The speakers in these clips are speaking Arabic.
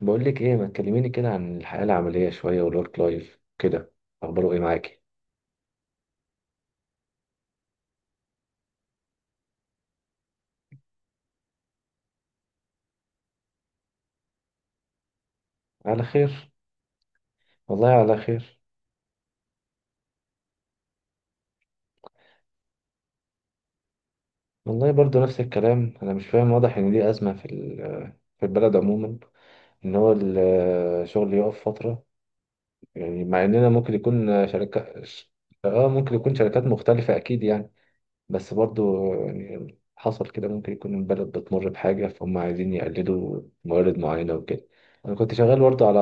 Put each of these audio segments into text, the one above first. بقول لك ايه، ما تكلميني كده عن الحياة العملية شوية والورك لايف كده؟ اخباره ايه معاكي؟ على خير. والله على خير. والله برضو نفس الكلام، انا مش فاهم، واضح ان دي ازمة في البلد عموما، ان هو الشغل يقف فترة، يعني مع اننا ممكن يكون شركة. اه، ممكن يكون شركات مختلفة اكيد يعني، بس برضو يعني حصل كده، ممكن يكون البلد بتمر بحاجة فهم عايزين يقلدوا موارد معينة وكده. انا كنت شغال برضو على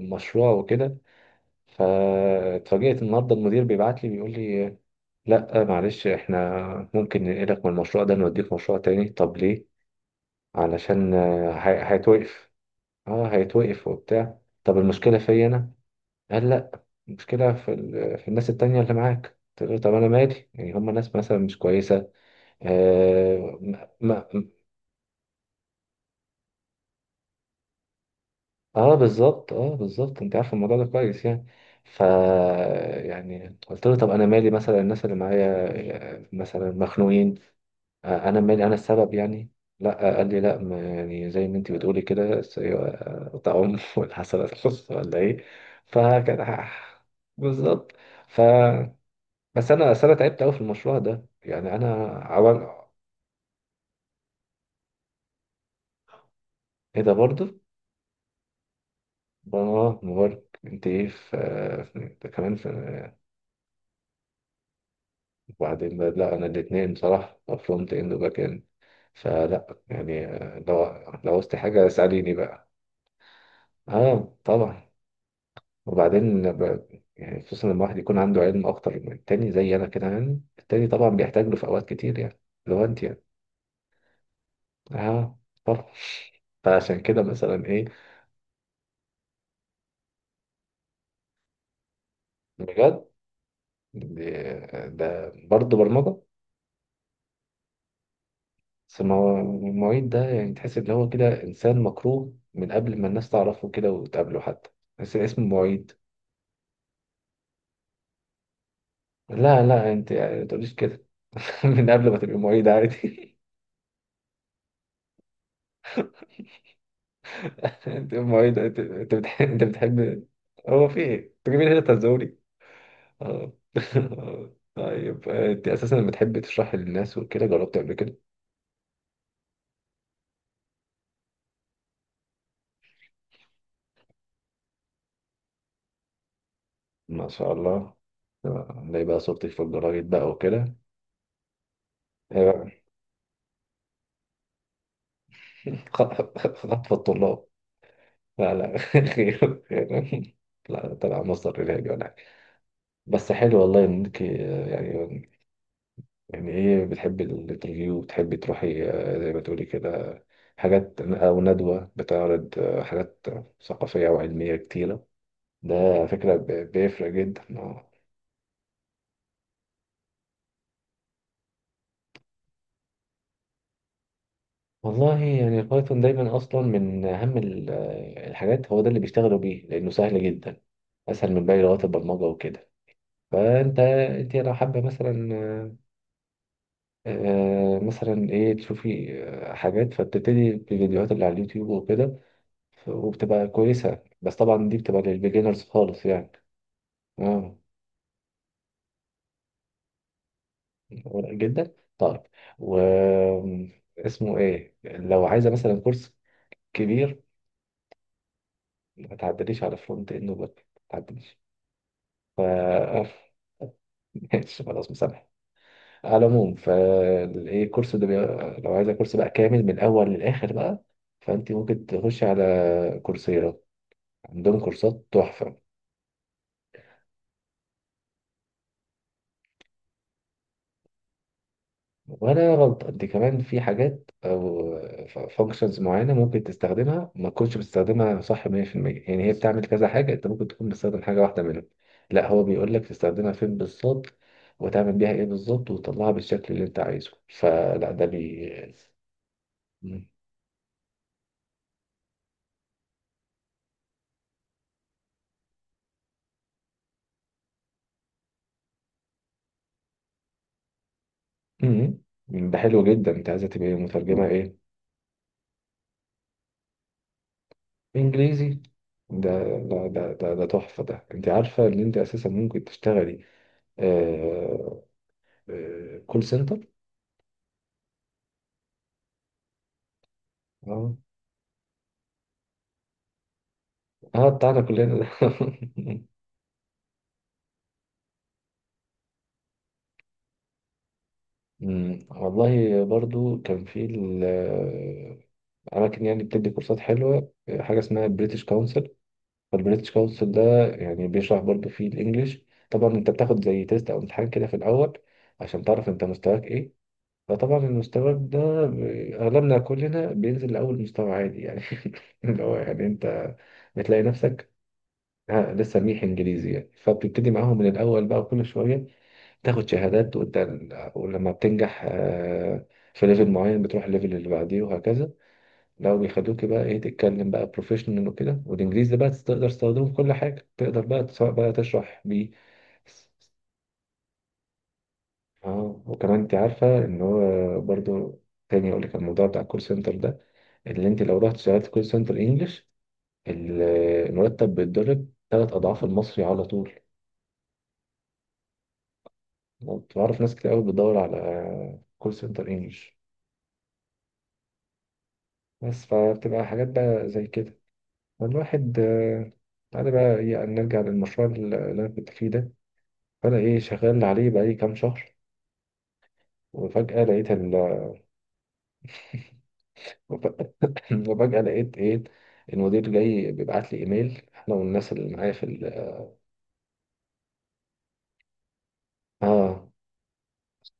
مشروع وكده، فاتفاجئت النهارده المدير بيبعت لي بيقول لي: لا معلش، احنا ممكن ننقلك من المشروع ده نوديك مشروع تاني. طب ليه؟ علشان هيتوقف. اه هيتوقف وبتاع. طب المشكلة فيا انا؟ قال: لا، المشكلة في الناس التانية اللي معاك. قلت له: طب انا مالي، يعني هم ناس مثلا مش كويسة. اه, ما... ما- آه بالظبط، اه بالظبط، انت عارف الموضوع ده كويس يعني. ف يعني قلت له: طب انا مالي، مثلا الناس اللي معايا مثلا مخنوقين، انا مالي انا السبب يعني؟ لا قال لي: لا، ما يعني زي ما انت بتقولي كده تعم. واللي حصل خص ولا ايه؟ فكان ح- بالظبط. ف بس انا تعبت قوي في المشروع ده يعني. انا عمل ايه ده برضه. اه مبارك، انت ايه في ده كمان في. لا انا الاثنين بصراحه، فرونت اند وباك اند. فلا يعني، لو عوزت حاجه اساليني بقى. اه طبعا. وبعدين ب- يعني خصوصا لما الواحد يكون عنده علم اكتر من التاني زي انا كده، يعني التاني طبعا بيحتاج له في اوقات كتير يعني. لو انت يعني، اه طبعا. فعشان كده مثلا ايه. بجد، ده برضه برمجه. بس المعيد ده يعني تحس ان هو كده انسان مكروه من قبل ما الناس تعرفه كده وتقابله حتى، بس اسمه معيد. لا لا، انت يعني ما تقوليش كده. من قبل ما تبقى معيد عادي. انت ما هي ده- انت بتحب. هو في ايه؟ انت جاي من هنا تهزوني. اه طيب، انت اساسا لما بتحب تشرح للناس وكده، جربت قبل كده؟ ما شاء الله. نلاقي بقى صورتك في الجرايد بقى وكده. آه، خطف الطلاب! لا لا خير خير. لا، تبع مصدر علاجي ولا حاجة. بس حلو والله انك يعني، يعني ايه، بتحب الانترفيو وبتحبي تروحي زي ما تقولي كده حاجات او ندوة بتعرض حاجات ثقافية وعلمية كتيرة. ده على فكرة بيفرق جدا. والله يعني البايثون دايما اصلا من اهم الحاجات، هو ده اللي بيشتغلوا بيه لانه سهل جدا، اسهل من باقي لغات البرمجة وكده. فانت لو حابه مثلا مثلا ايه، تشوفي حاجات، فبتبتدي بفيديوهات اللي على اليوتيوب وكده، وبتبقى كويسة، بس طبعا دي بتبقى للبيجنرز خالص يعني. اه ورق جدا. طيب، و اسمه ايه لو عايزة مثلا كورس كبير؟ ما تعدليش على فرونت اند وباك، ما تعدليش. ف ماشي خلاص، مسامح. على العموم فالايه، الكورس ده. لو عايزة كورس بقى كامل من الاول للاخر بقى، فانت ممكن تخش على كورسيرا، عندهم كورسات تحفة. ولا غلط، انت كمان في حاجات او فانكشنز معينه ممكن تستخدمها ما تكونش بتستخدمها صح 100%، يعني هي بتعمل كذا حاجه، انت ممكن تكون بتستخدم حاجه واحده منهم. لا، هو بيقول لك تستخدمها فين بالظبط وتعمل بيها ايه بالظبط وتطلعها بالشكل اللي انت عايزه. فلا ده مم. مم. ده حلو جدا. انت عايزه تبقى مترجمه ايه؟ انجليزي؟ ده لا، ده تحفه ده. انت عارفه ان انت اساسا ممكن تشتغلي آه، كول سنتر؟ اه بتاعنا كلنا ده. والله برضو كان في أماكن يعني بتدي كورسات حلوة، حاجة اسمها بريتش كونسل. فالبريتش كونسل ده يعني بيشرح برضو فيه الإنجليش. طبعا أنت بتاخد زي تيست أو امتحان كده في الأول، عشان تعرف أنت مستواك إيه. فطبعا المستوى ده أغلبنا كلنا بينزل لأول مستوى عادي يعني، اللي هو يعني أنت بتلاقي نفسك ها لسه ميح إنجليزي يعني، فبتبتدي معاهم من الأول بقى، كل شوية تاخد شهادات. وانت ولما بتنجح في ليفل معين، بتروح الليفل اللي بعديه وهكذا، لو بيخلوك بقى ايه تتكلم بقى بروفيشنال وكده. والانجليزي ده بقى تقدر تستخدمه في كل حاجه، تقدر بقى سواء بقى تشرح بيه. اه، وكمان انت عارفه ان هو برضو، تاني اقول لك الموضوع بتاع الكول سنتر ده، اللي انت لو رحت اشتغلت كول سنتر انجلش، ال- المرتب بيتضرب ثلاث اضعاف المصري على طول. بعرف ناس كتير قوي بتدور على كول سنتر انجلش. بس فبتبقى حاجات بقى زي كده. فالواحد تعالى بقى إيه، نرجع للمشروع اللي أنا كنت فيه ده. فأنا إيه شغال عليه بقالي كام شهر، وفجأة لقيت. وفجأة لقيت إيه، المدير جاي بيبعت لي إيميل إحنا والناس اللي معايا. آه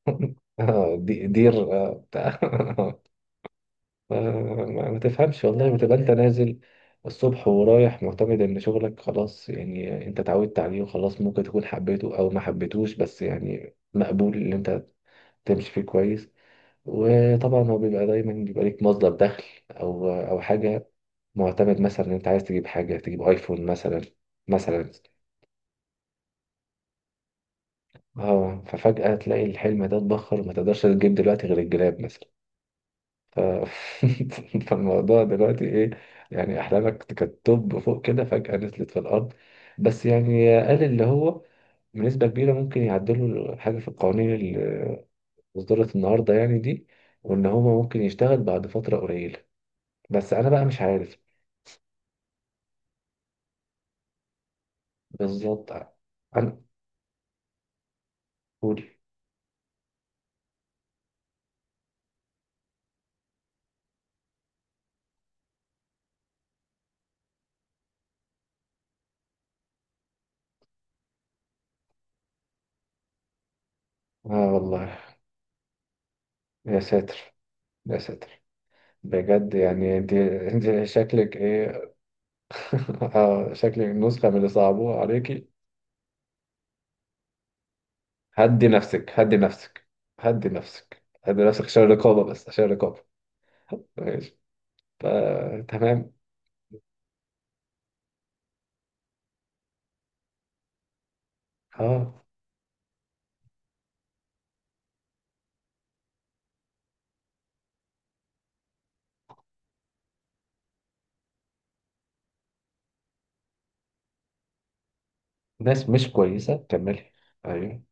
دي دير بتاع. ما ما تفهمش والله، بتبقى انت نازل الصبح ورايح معتمد ان شغلك خلاص يعني، انت اتعودت عليه وخلاص، ممكن تكون حبيته او ما حبيتوش، بس يعني مقبول ان انت تمشي فيه كويس، وطبعا هو بيبقى دايما، بيبقى ليك مصدر دخل او حاجة، معتمد مثلا ان انت عايز تجيب حاجة، تجيب ايفون مثلا. مثلا اه، ففجأة تلاقي الحلم ده اتبخر وما تقدرش تجيب دلوقتي غير الجلاب مثلا. ف... فالموضوع دلوقتي ايه، يعني احلامك كانت توب فوق كده، فجأة نزلت في الارض. بس يعني، قال اللي هو بنسبة كبيرة ممكن يعدلوا حاجة في القوانين اللي اصدرت النهاردة يعني دي، وان هو ممكن يشتغل بعد فترة قليلة، بس انا بقى مش عارف. بالظبط. انا قول. اه والله. يا ساتر، يا ساتر، بجد يعني دي شكلك ايه. شكلك نسخة من اللي صعبوها عليكي. هدي نفسك هدي نفسك، هدي نفسك هدي نفسك عشان الرقابة، بس عشان الرقابة. ماشي، فتمام. اه، ناس مش كويسة، كملي. ايوه،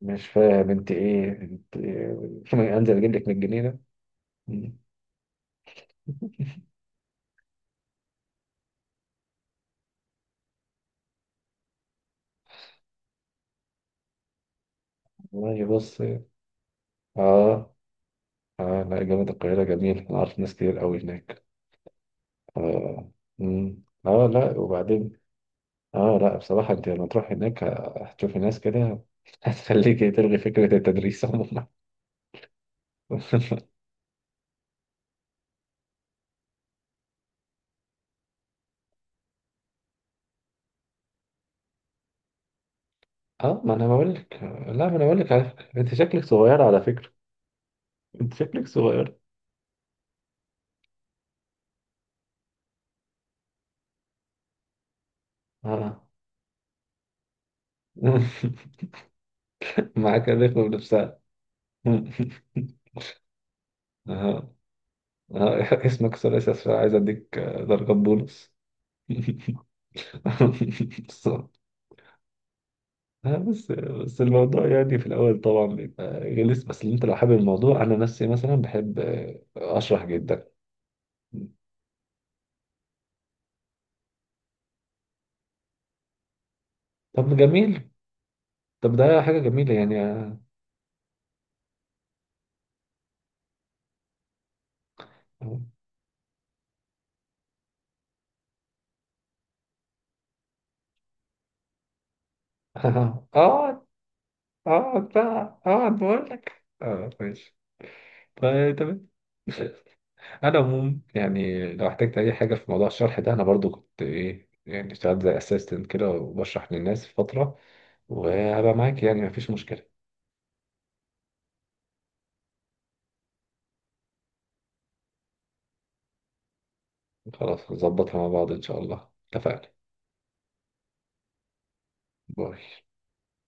مش فاهم انت ايه، انت إيه؟ انزل اجيب لك من الجنينة. مم. والله بص. اه. اه لا، جامعة القاهرة جميل، انا عارف ناس كتير قوي هناك. اه. مم. اه لا وبعدين، اه لا بصراحة انت لما تروح هناك هتشوفي ناس كده هتخليكي تلغي فكرة التدريس عموما. اه ما انا بقول لك. لا ما انا بقول لك على فكره، انت شكلك صغير على فكره. انت شكلك صغير. اه معاك الرخوة بنفسها. اه. اه اسمك ثلاثي أسفل، عايز اديك ضربة بونص. بس. بس الموضوع يعني في الاول طبعا بيبقى غلس، بس انت لو حابب الموضوع، انا نفسي مثلا بحب اشرح جدا. طب جميل، طب ده حاجة جميلة يعني. اه آه، اقعد بقى اقعد بقول لك اه ماشي، طيب تمام. انا عموما يعني لو احتجت اي حاجه في موضوع الشرح ده، انا برضو كنت ايه يعني اشتغلت زي اسيستنت كده وبشرح للناس فتره، وهبقى معاك يعني مفيش مشكله. خلاص، نظبطها مع بعض ان شاء الله. اتفقنا. باي.